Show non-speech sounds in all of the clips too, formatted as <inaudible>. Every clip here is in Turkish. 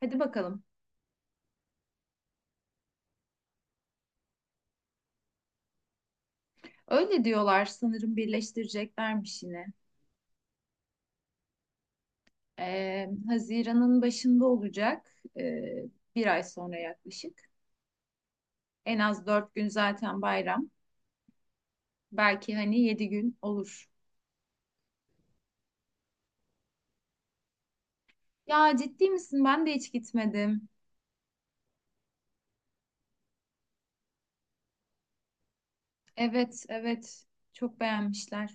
Hadi bakalım. Öyle diyorlar sanırım birleştireceklermiş yine. Haziran'ın başında olacak. Bir ay sonra yaklaşık. En az 4 gün zaten bayram. Belki hani 7 gün olur. Ya ciddi misin? Ben de hiç gitmedim. Evet, evet. Çok beğenmişler.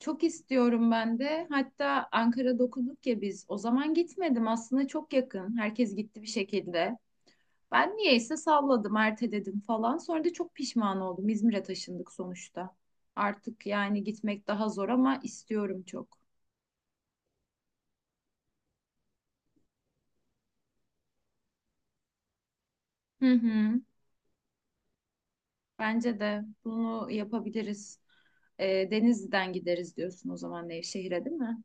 Çok istiyorum ben de. Hatta Ankara'da okuduk ya biz. O zaman gitmedim. Aslında çok yakın. Herkes gitti bir şekilde. Ben niyeyse salladım, erteledim falan. Sonra da çok pişman oldum. İzmir'e taşındık sonuçta. Artık yani gitmek daha zor ama istiyorum çok. Hı hı. Bence de bunu yapabiliriz. Denizli'den gideriz diyorsun o zaman Nevşehir'e, değil mi?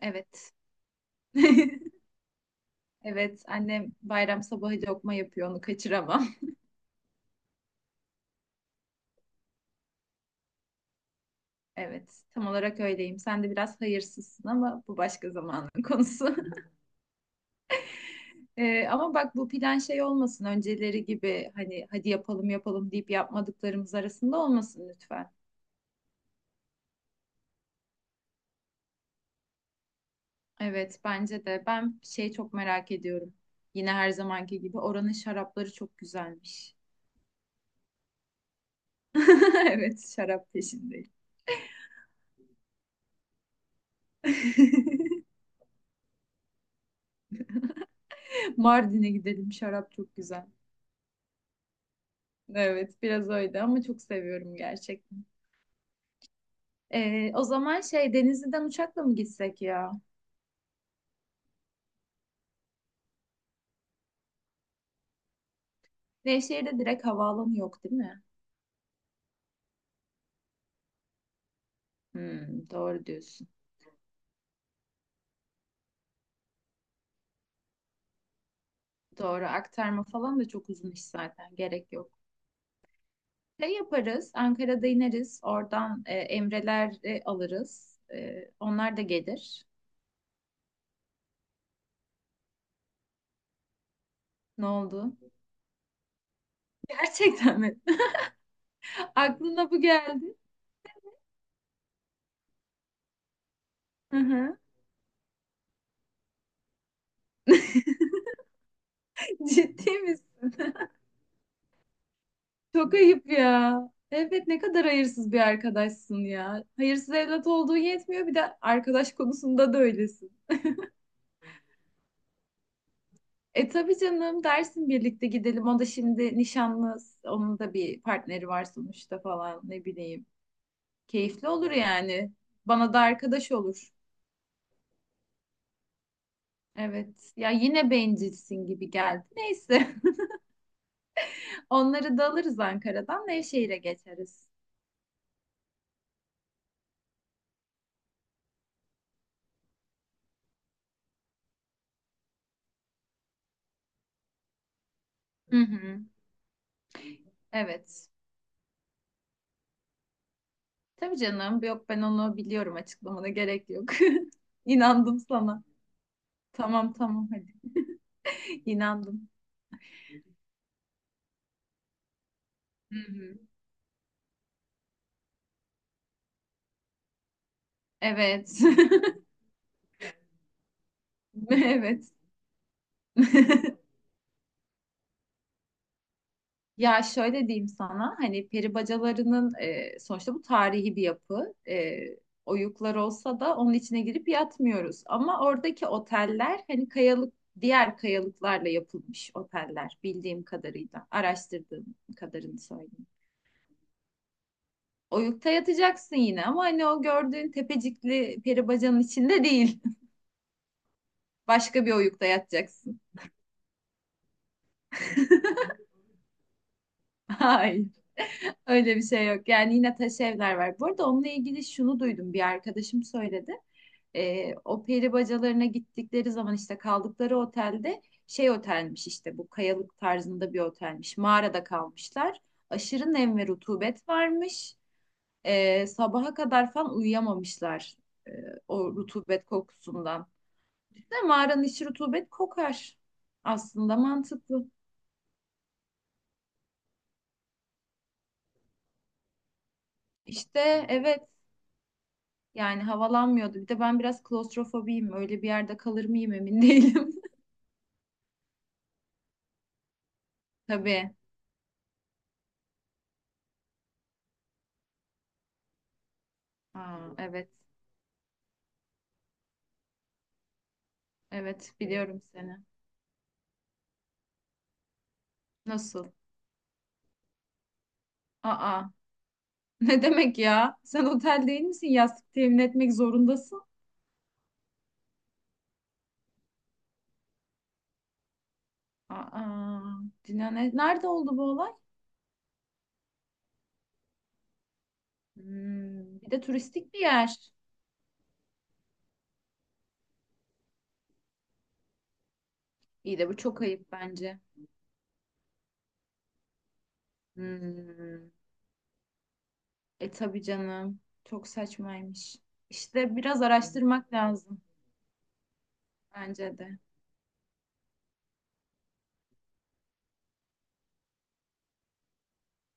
Evet. <laughs> Evet, annem bayram sabahı lokma yapıyor, onu kaçıramam. <laughs> Evet, tam olarak öyleyim. Sen de biraz hayırsızsın ama bu başka zamanın konusu. Ama bak bu plan şey olmasın önceleri gibi hani hadi yapalım yapalım deyip yapmadıklarımız arasında olmasın lütfen. Evet bence de ben şey çok merak ediyorum. Yine her zamanki gibi oranın şarapları çok güzelmiş. <laughs> Evet şarap peşindeyim. <laughs> Mardin'e gidelim şarap çok güzel. Evet biraz öyle ama çok seviyorum gerçekten. O zaman şey Denizli'den uçakla mı gitsek ya? Nevşehir'de direkt havaalanı yok değil mi? Hmm, doğru diyorsun. Doğru aktarma falan da çok uzun iş zaten gerek yok. Şey yaparız Ankara'da ineriz oradan Emre'ler alırız. Onlar da gelir. Ne oldu? Gerçekten mi? <laughs> Aklına bu geldi. Hı hı. <laughs> Ciddi misin? Çok ayıp ya. Evet ne kadar hayırsız bir arkadaşsın ya. Hayırsız evlat olduğu yetmiyor bir de arkadaş konusunda da öylesin. E tabii canım dersin birlikte gidelim. O da şimdi nişanlı. Onun da bir partneri var sonuçta falan ne bileyim. Keyifli olur yani. Bana da arkadaş olur. Evet. Ya yine bencilsin gibi geldi. Neyse. <laughs> Onları da alırız Ankara'dan. Nevşehir'e geçeriz. Hı hı. Evet. Tabii canım. Yok ben onu biliyorum. Açıklamana gerek yok. <laughs> İnandım sana. Tamam tamam hadi. <laughs> İnandım. Hı hı. Evet. <laughs> Evet. <laughs> Ya şöyle diyeyim sana hani peri bacalarının sonuçta bu tarihi bir yapı. Oyuklar olsa da onun içine girip yatmıyoruz. Ama oradaki oteller hani kayalık diğer kayalıklarla yapılmış oteller bildiğim kadarıyla. Araştırdığım kadarını söyleyeyim. Oyukta yatacaksın yine ama hani o gördüğün tepecikli peri bacanın içinde değil. <laughs> Başka bir oyukta yatacaksın. <laughs> Hayır. Öyle bir şey yok. Yani yine taş evler var. Bu arada onunla ilgili şunu duydum. Bir arkadaşım söyledi. O peri bacalarına gittikleri zaman işte kaldıkları otelde şey otelmiş işte bu kayalık tarzında bir otelmiş. Mağarada kalmışlar. Aşırı nem ve rutubet varmış. Sabaha kadar falan uyuyamamışlar e, o rutubet kokusundan. De mağaranın içi rutubet kokar. Aslında mantıklı. İşte evet yani havalanmıyordu. Bir de ben biraz klostrofobiyim. Öyle bir yerde kalır mıyım emin değilim. <laughs> Tabii. Aa, evet. Evet biliyorum seni. Nasıl? Aa, <laughs> ne demek ya? Sen otel değil misin? Yastık temin etmek zorundasın. Aa, Cina ne- nerede oldu bu olay? Hmm, bir de turistik bir yer. İyi de bu çok ayıp bence. Hmm, e tabii canım. Çok saçmaymış. İşte biraz araştırmak lazım bence de.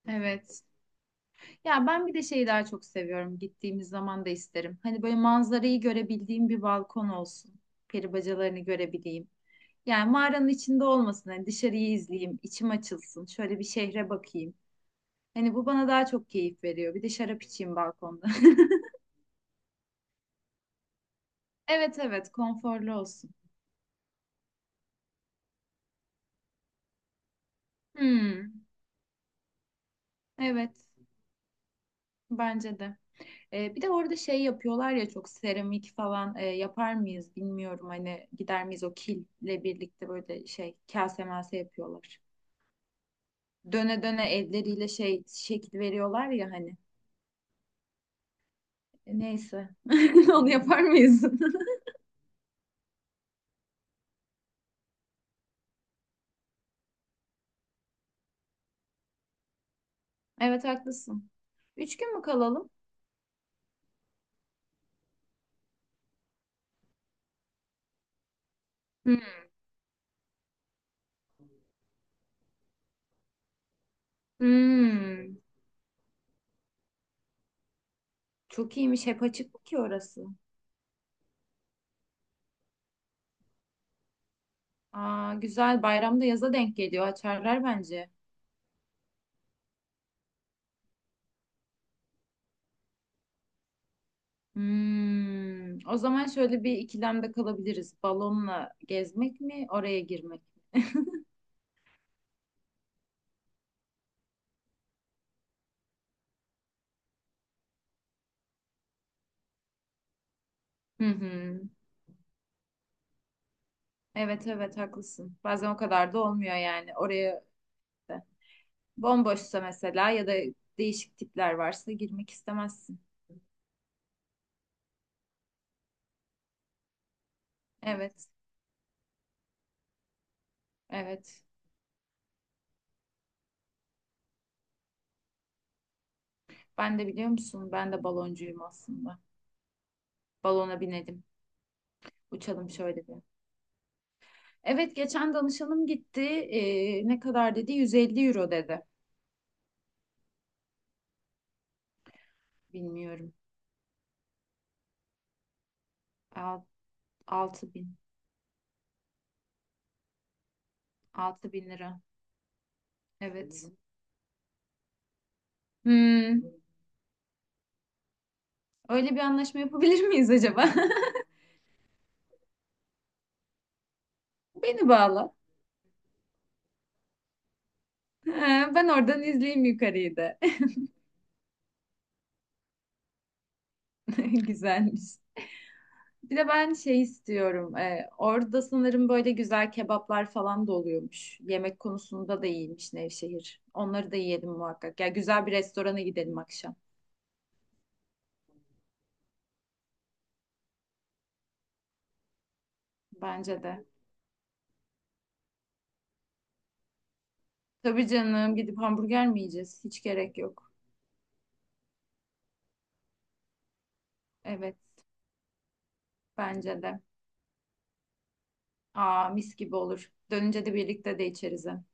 Evet. Ya ben bir de şeyi daha çok seviyorum. Gittiğimiz zaman da isterim. Hani böyle manzarayı görebildiğim bir balkon olsun. Peri bacalarını görebileyim. Yani mağaranın içinde olmasın. Hani dışarıyı izleyeyim, içim açılsın. Şöyle bir şehre bakayım. Hani bu bana daha çok keyif veriyor. Bir de şarap içeyim balkonda. <laughs> Evet evet, konforlu olsun. Hmm, evet, bence de. Bir de orada şey yapıyorlar ya çok seramik falan yapar mıyız bilmiyorum. Hani gider miyiz o kille birlikte böyle şey kase mase yapıyorlar. Döne döne elleriyle şey şekil veriyorlar ya hani. Neyse. <laughs> Onu yapar mıyız? <laughs> Evet haklısın. 3 gün mü kalalım? Hmm, hmm. Çok iyiymiş. Hep açık mı ki orası? Aa, güzel. Bayramda yaza denk geliyor. Açarlar bence. Hmm. O zaman şöyle bir ikilemde kalabiliriz. Balonla gezmek mi, oraya girmek mi? Hı hı. Evet evet haklısın. Bazen o kadar da olmuyor yani. Oraya da. Bomboşsa mesela ya da değişik tipler varsa girmek istemezsin. Evet, evet. Ben de biliyor musun? Ben de baloncuyum aslında. Balona binelim. Uçalım şöyle bir. Evet geçen danışanım gitti. Ne kadar dedi? 150 euro dedi. Bilmiyorum. 6.000. 6.000 lira. Evet. Hmm, öyle bir anlaşma yapabilir miyiz acaba? <laughs> Beni bağla. Ha, ben oradan izleyeyim yukarıyı da. <laughs> Güzelmiş. Bir de ben şey istiyorum. Orada sanırım böyle güzel kebaplar falan da oluyormuş. Yemek konusunda da iyiymiş Nevşehir. Onları da yiyelim muhakkak. Ya güzel bir restorana gidelim akşam. Bence de. Tabii canım gidip hamburger mi yiyeceğiz? Hiç gerek yok. Evet bence de. Aa mis gibi olur. Dönünce de birlikte de içeriz. Hem.